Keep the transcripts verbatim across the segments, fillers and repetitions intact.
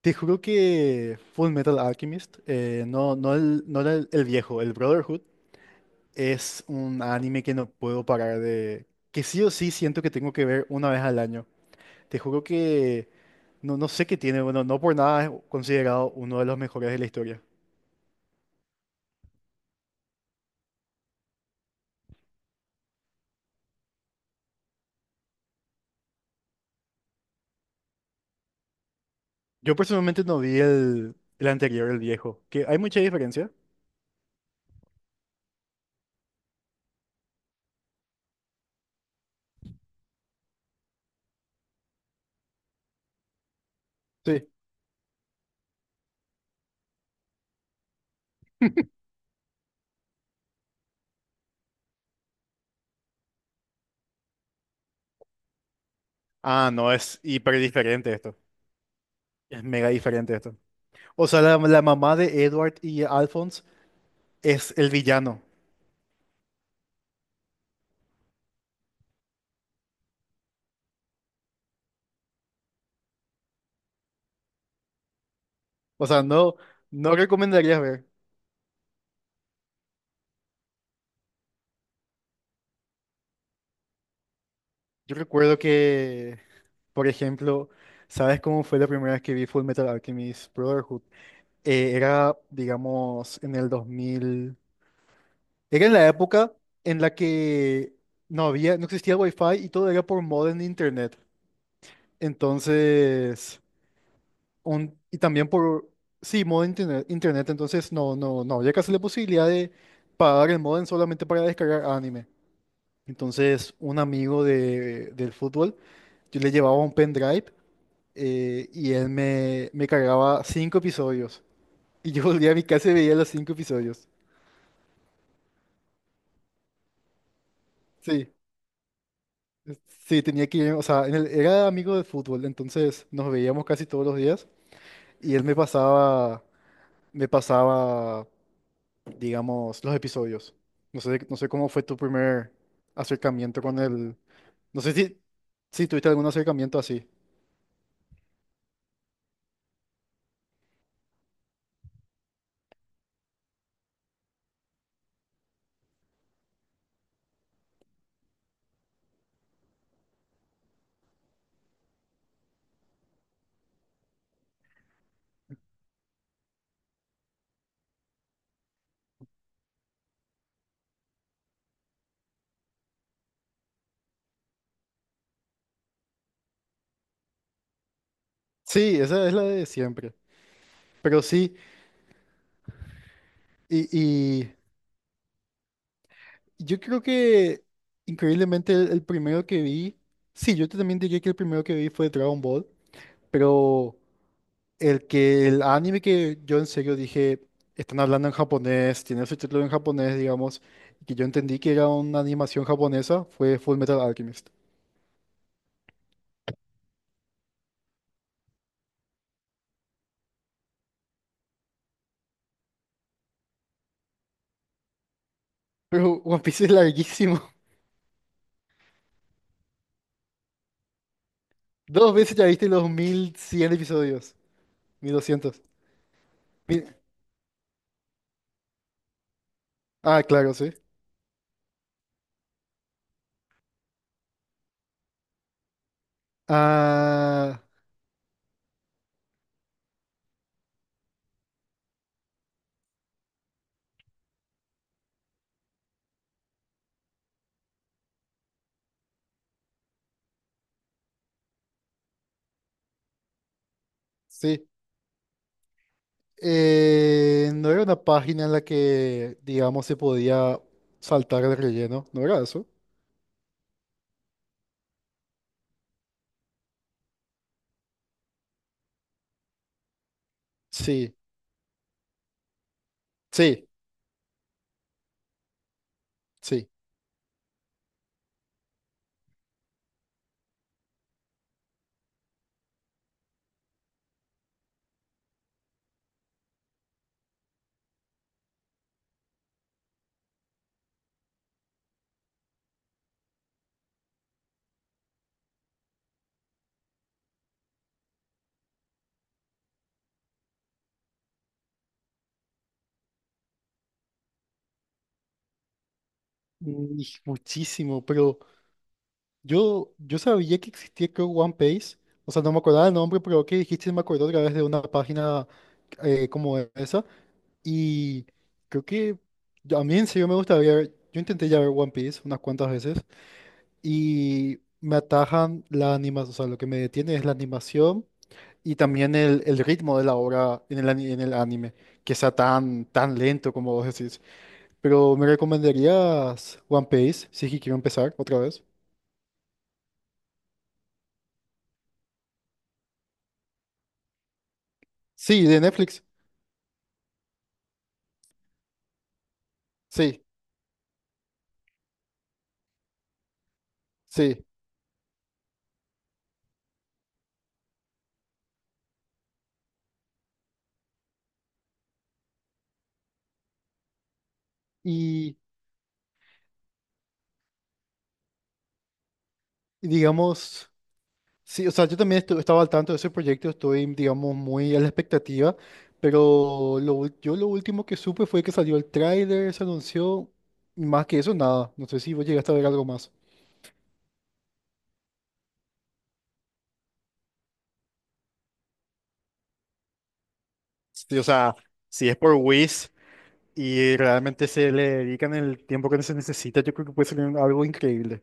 Te juro que Full Metal Alchemist, eh, no, no, el, no era el, el viejo, el Brotherhood, es un anime que no puedo parar de... que sí o sí siento que tengo que ver una vez al año. Te juro que no, no sé qué tiene, bueno, no por nada es considerado uno de los mejores de la historia. Yo personalmente no vi el, el anterior, el viejo, que hay mucha diferencia. Sí. Ah, no, es hiper diferente esto. Es mega diferente esto. O sea, la, la mamá de Edward y Alphonse es el villano. O sea, no, no recomendarías ver. Yo recuerdo que, por ejemplo, ¿sabes cómo fue la primera vez que vi Full Metal Alchemist Brotherhood? Eh, era, digamos, en el dos mil. Era en la época en la que no había, no existía Wi-Fi y todo era por modem de internet. Entonces, un, y también por, sí, modem internet, internet. Entonces, no, no, no había casi la posibilidad de pagar el modem solamente para descargar anime. Entonces, un amigo de, del fútbol, yo le llevaba un pendrive, eh, y él me, me cargaba cinco episodios. Y yo volvía a mi casa y veía los cinco episodios. Sí, es- sí, tenía que ir, o sea, en el- era amigo de fútbol, entonces nos veíamos casi todos los días y él me pasaba, me pasaba, digamos, los episodios. No sé, no sé cómo fue tu primer acercamiento con el... No sé si, si tuviste algún acercamiento así. Sí, esa es la de siempre. Pero sí, y, Yo creo que increíblemente el, el primero que vi, sí, yo también diría que el primero que vi fue Dragon Ball, pero el que el anime que yo en serio dije, están hablando en japonés, tiene su título en japonés, digamos, y que yo entendí que era una animación japonesa, fue Full Metal Alchemist. Pero One Piece es larguísimo. Dos veces ya viste los mil cien episodios, mil doscientos. Mil- Ah, claro, sí. Ah, sí. Eh, no era una página en la que, digamos, se podía saltar el relleno, ¿no era eso? Sí, sí, sí. Mm, y Muchísimo, pero yo, yo sabía que existía, creo, One Piece. O sea, no me acordaba el nombre, pero que dijiste, me acordó otra vez de una página eh, como esa. Y creo que yo- a mí en serio me gusta ver. Yo intenté ya ver One Piece unas cuantas veces y me atajan la animación. O sea, lo que me detiene es la animación y también el, el ritmo de la obra en el, ani- en el anime, que sea tan, tan lento como vos decís. Pero ¿me recomendarías One Piece? Sí, que quiero empezar otra vez. Sí, de Netflix. Sí, sí. Y, y digamos, sí, o sea, yo también estu- estaba al tanto de ese proyecto, estoy, digamos, muy a la expectativa, pero lo, ul- yo lo último que supe fue que salió el tráiler, se anunció, y más que eso, nada. No sé si vos llegaste a ver algo más. Sí, o sea, si es por Wish y realmente se le dedican el tiempo que se necesita, yo creo que puede ser un- algo increíble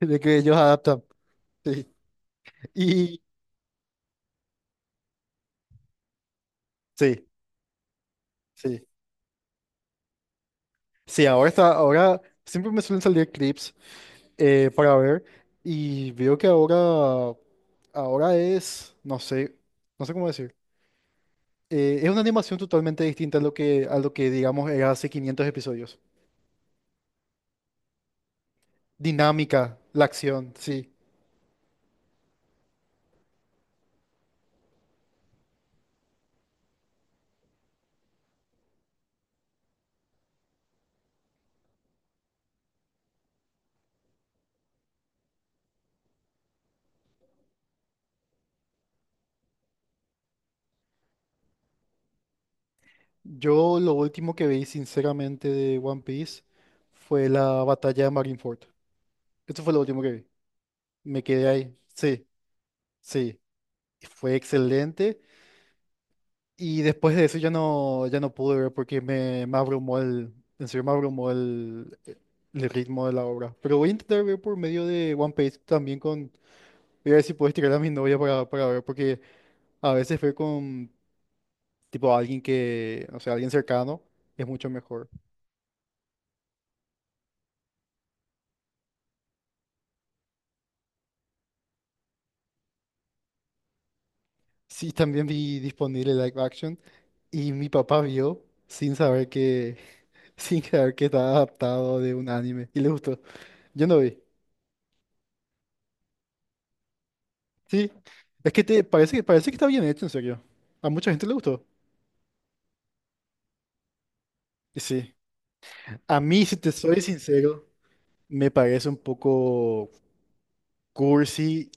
de que ellos adaptan. Sí. Y sí, sí. Sí, ahora está, ahora siempre me suelen salir clips eh, para ver y veo que ahora, ahora es, no sé, no sé cómo decir. Eh, es una animación totalmente distinta a lo que, a lo que digamos era hace quinientos episodios. Dinámica, la acción, sí. Yo lo último que vi, sinceramente, de One Piece fue la batalla de Marineford. Eso fue lo último que vi. Me quedé ahí. Sí, sí. Fue excelente. Y después de eso ya no, ya no pude ver porque me, me abrumó el, en serio me abrumó el, el ritmo de la obra. Pero voy a intentar ver por medio de One Piece también con... Voy a ver si puedo estirar a mi novia para, para ver porque a veces ver con tipo alguien que, o sea, alguien cercano es mucho mejor. Sí, también vi disponible live action. Y mi papá vio sin saber que, sin saber que estaba adaptado de un anime y le gustó. Yo no vi. Sí, es que te parece que parece que está bien hecho, en serio. A mucha gente le gustó. Y sí. A mí, si te soy sincero, me parece un poco cursi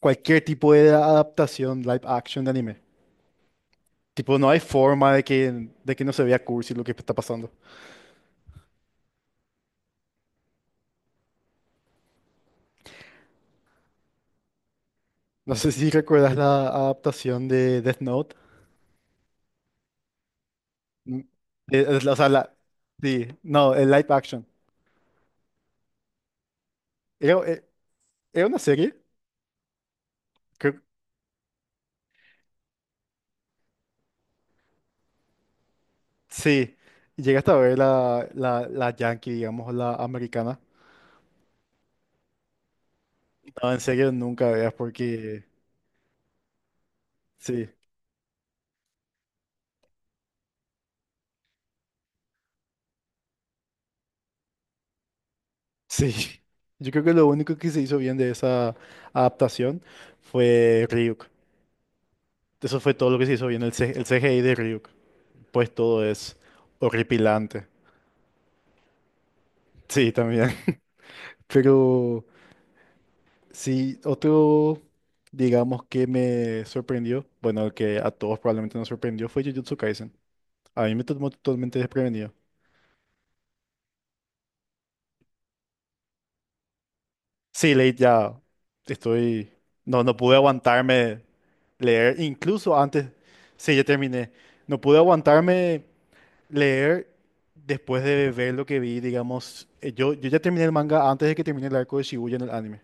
cualquier tipo de adaptación live action de anime. Tipo, no hay forma de que, de que no se vea cursi lo que está pasando. No sé si recuerdas la adaptación de Death Note. Mm, eh, eh, o sea, la, sí, no, el live action. Era, e- era una serie, creo, sí. Llegaste a ver la, la, la yankee, digamos, la americana. No, en serio, nunca veas porque... Sí, sí. Yo creo que lo único que se hizo bien de esa adaptación fue Ryuk. Eso fue todo lo que se hizo bien, el, C- el C G I de Ryuk. Pues todo es horripilante. Sí, también. Pero sí, otro, digamos, que me sorprendió, bueno, el que a todos probablemente nos sorprendió fue Jujutsu Kaisen. A mí me tomó totalmente desprevenido. Sí, leí ya. Estoy. No, no pude aguantarme leer. Incluso antes. Sí, ya terminé. No pude aguantarme leer después de ver lo que vi, digamos. eh, Yo, yo ya terminé el manga antes de que termine el arco de Shibuya en el anime.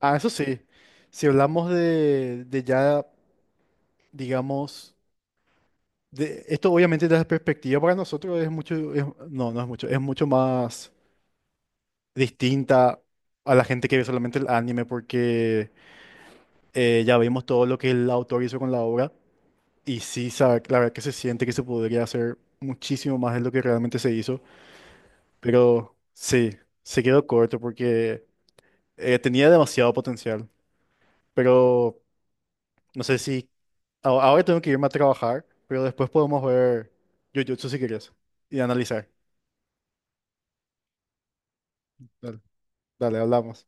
Ah, eso sí. Si hablamos de, de ya, digamos. De, esto obviamente desde la perspectiva para nosotros es mucho. Es- no, no es mucho. Es mucho más. Distinta a la gente que ve solamente el anime, porque eh, ya vimos todo lo que el autor hizo con la obra, y sí, sa- la verdad que se siente que se podría hacer muchísimo más de lo que realmente se hizo, pero sí, se quedó corto porque eh, tenía demasiado potencial, pero no sé si a- ahora tengo que irme a trabajar, pero después podemos ver Jujutsu si quieres y analizar. Dale, dale, hablamos.